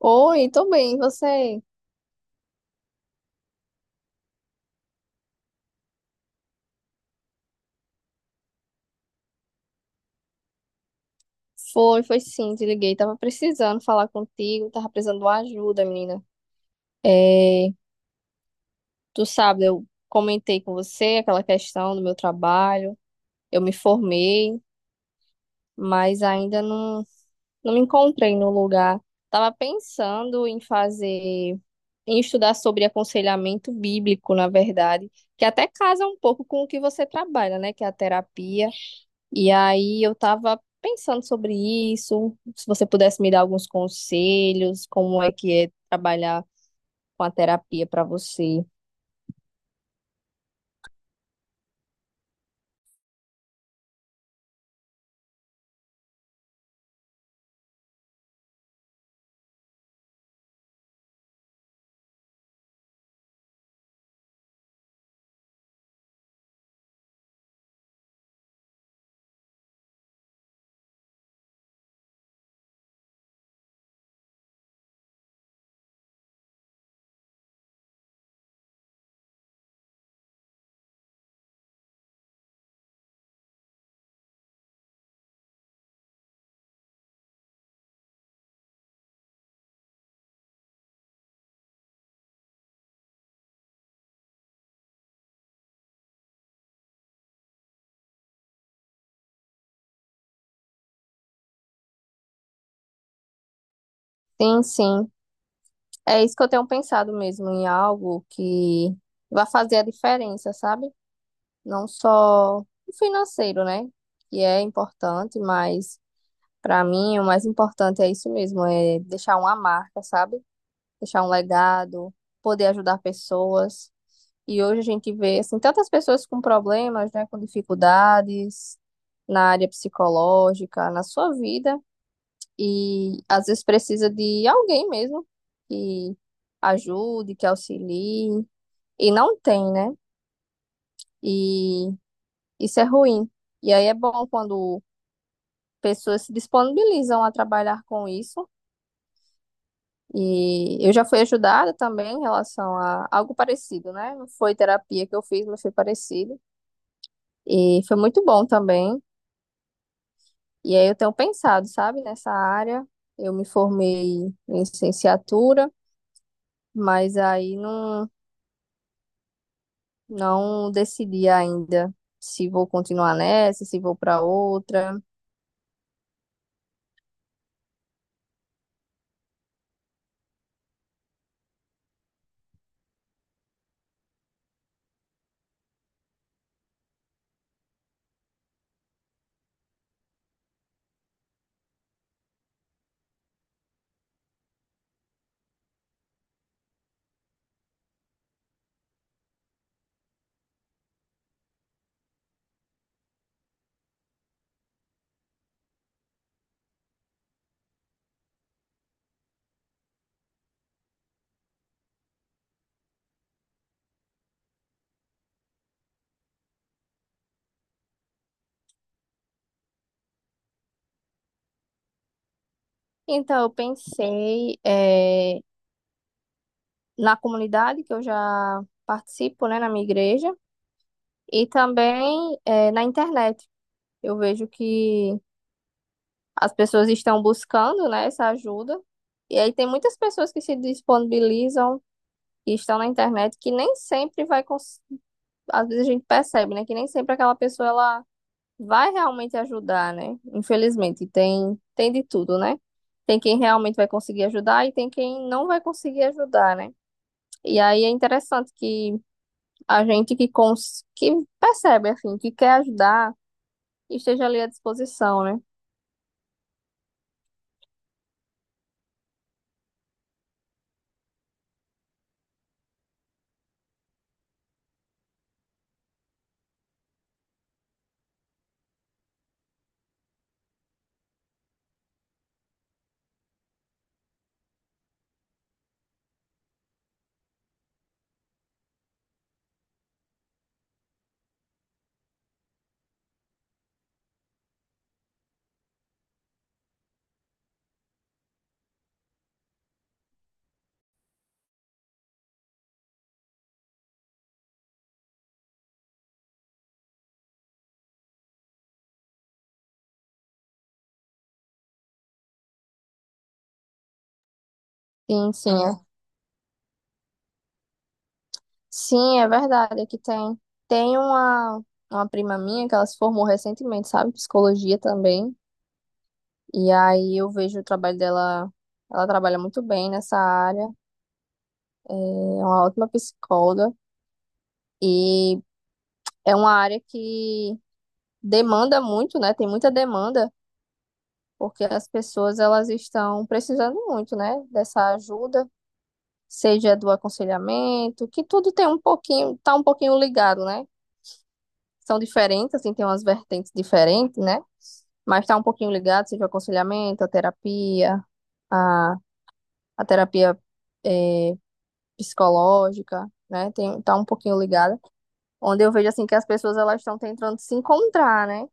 Oi, tô bem, e você? Foi, foi sim, te liguei. Tava precisando falar contigo, tava precisando de uma ajuda, menina. É, tu sabe, eu comentei com você aquela questão do meu trabalho. Eu me formei, mas ainda não, não me encontrei no lugar. Tava pensando em fazer, em estudar sobre aconselhamento bíblico, na verdade, que até casa um pouco com o que você trabalha, né? Que é a terapia. E aí eu tava pensando sobre isso, se você pudesse me dar alguns conselhos, como é que é trabalhar com a terapia para você. Sim, sim. É isso que eu tenho pensado mesmo, em algo que vai fazer a diferença, sabe? Não só o financeiro, né? Que é importante, mas para mim o mais importante é isso mesmo, é deixar uma marca, sabe? Deixar um legado, poder ajudar pessoas. E hoje a gente vê assim, tantas pessoas com problemas, né, com dificuldades na área psicológica, na sua vida, e às vezes precisa de alguém mesmo que ajude, que auxilie, e não tem, né? E isso é ruim. E aí é bom quando pessoas se disponibilizam a trabalhar com isso. E eu já fui ajudada também em relação a algo parecido, né? Não foi terapia que eu fiz, mas foi parecido. E foi muito bom também. E aí eu tenho pensado, sabe, nessa área. Eu me formei em licenciatura, mas aí não, não decidi ainda se vou continuar nessa, se vou para outra. Então eu pensei na comunidade que eu já participo, né, na minha igreja, e também na internet. Eu vejo que as pessoas estão buscando, né, essa ajuda. E aí tem muitas pessoas que se disponibilizam que estão na internet que nem sempre vai, às vezes a gente percebe, né, que nem sempre aquela pessoa ela vai realmente ajudar, né? Infelizmente, tem de tudo, né? Tem quem realmente vai conseguir ajudar e tem quem não vai conseguir ajudar, né? E aí é interessante que a gente que percebe assim, que quer ajudar, esteja ali à disposição, né? Sim, sim, é. Sim, é verdade, é que tem uma prima minha que ela se formou recentemente, sabe? Psicologia também. E aí eu vejo o trabalho dela, ela trabalha muito bem nessa área, é uma ótima psicóloga e é uma área que demanda muito, né? Tem muita demanda, porque as pessoas elas estão precisando muito, né, dessa ajuda, seja do aconselhamento, que tudo tem um pouquinho, tá um pouquinho ligado, né? São diferentes, assim, tem umas vertentes diferentes, né? Mas tá um pouquinho ligado, seja o aconselhamento, a, a terapia é, psicológica, né? Tem, tá um pouquinho ligada, onde eu vejo assim que as pessoas elas estão tentando se encontrar, né?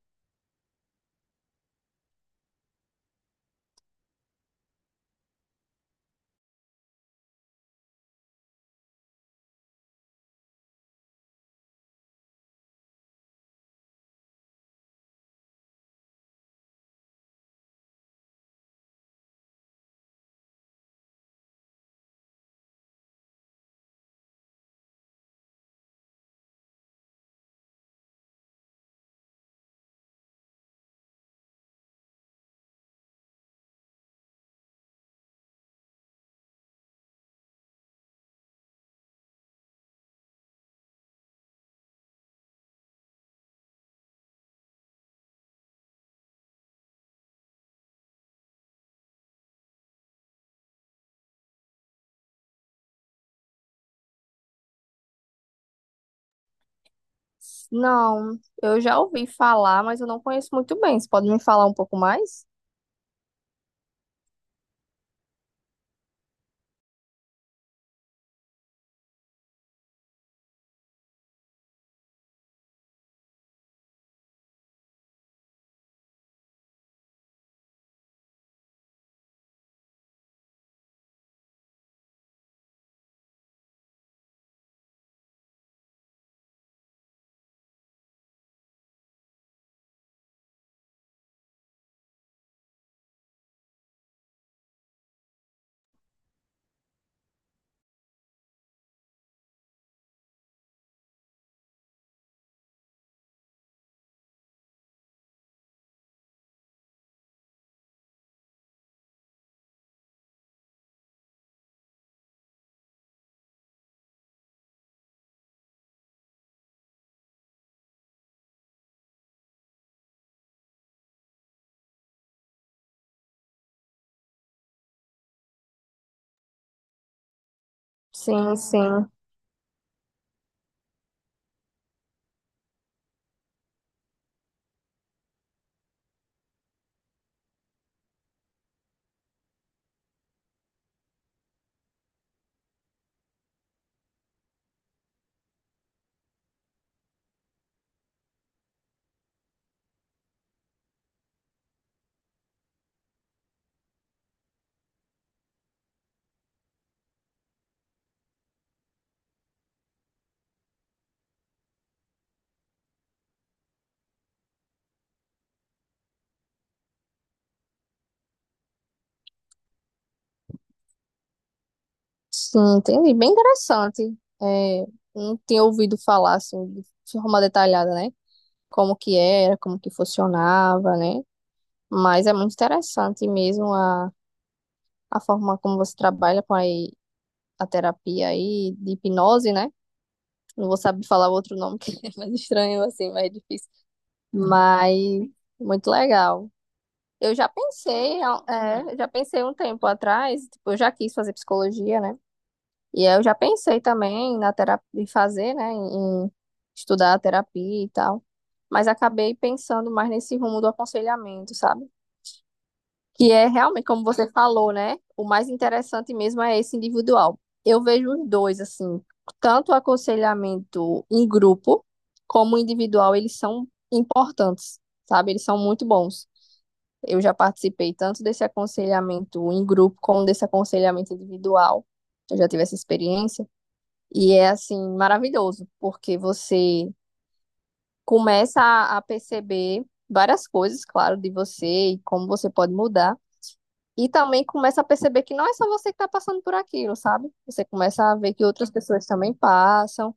Não, eu já ouvi falar, mas eu não conheço muito bem. Você pode me falar um pouco mais? Sim, sim, sim, entendi. Bem interessante. É, não tinha ouvido falar assim de forma detalhada, né? Como que era, como que funcionava, né? Mas é muito interessante mesmo a forma como você trabalha com a terapia aí de hipnose, né? Não vou saber falar o outro nome, que é mais estranho, assim, mais difícil. Mas muito legal. Eu já pensei, é, eu já pensei um tempo atrás, tipo, eu já quis fazer psicologia, né? E aí eu já pensei também na terapia, em fazer, né? Em estudar a terapia e tal. Mas acabei pensando mais nesse rumo do aconselhamento, sabe? Que é realmente, como você falou, né? O mais interessante mesmo é esse individual. Eu vejo os dois, assim, tanto o aconselhamento em grupo como individual, eles são importantes, sabe? Eles são muito bons. Eu já participei tanto desse aconselhamento em grupo como desse aconselhamento individual. Eu já tive essa experiência. E é, assim, maravilhoso, porque você começa a perceber várias coisas, claro, de você e como você pode mudar. E também começa a perceber que não é só você que está passando por aquilo, sabe? Você começa a ver que outras pessoas também passam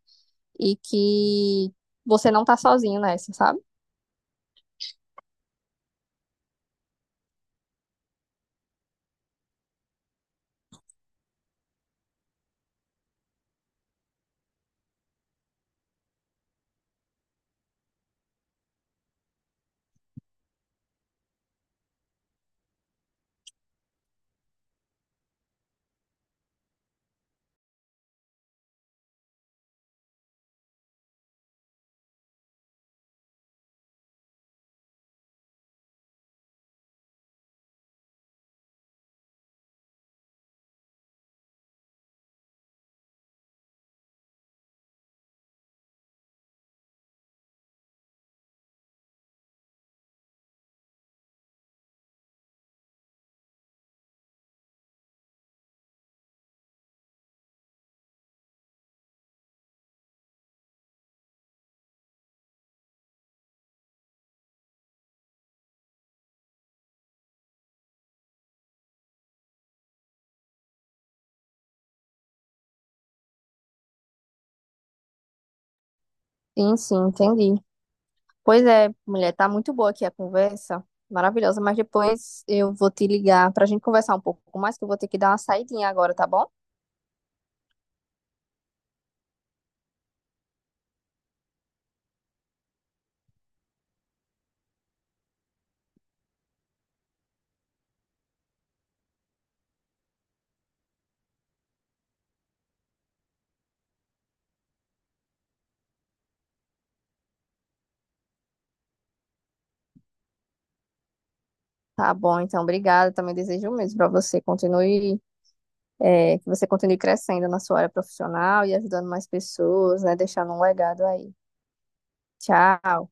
e que você não tá sozinho nessa, sabe? Sim, sim, entendi. Pois é, mulher, tá muito boa aqui a conversa, maravilhosa, mas depois eu vou te ligar pra gente conversar um pouco mais, que eu vou ter que dar uma saidinha agora, tá bom? Tá bom, então, obrigada. Também desejo o mesmo pra você. Continue, é, que você continue crescendo na sua área profissional e ajudando mais pessoas, né? Deixando um legado aí. Tchau.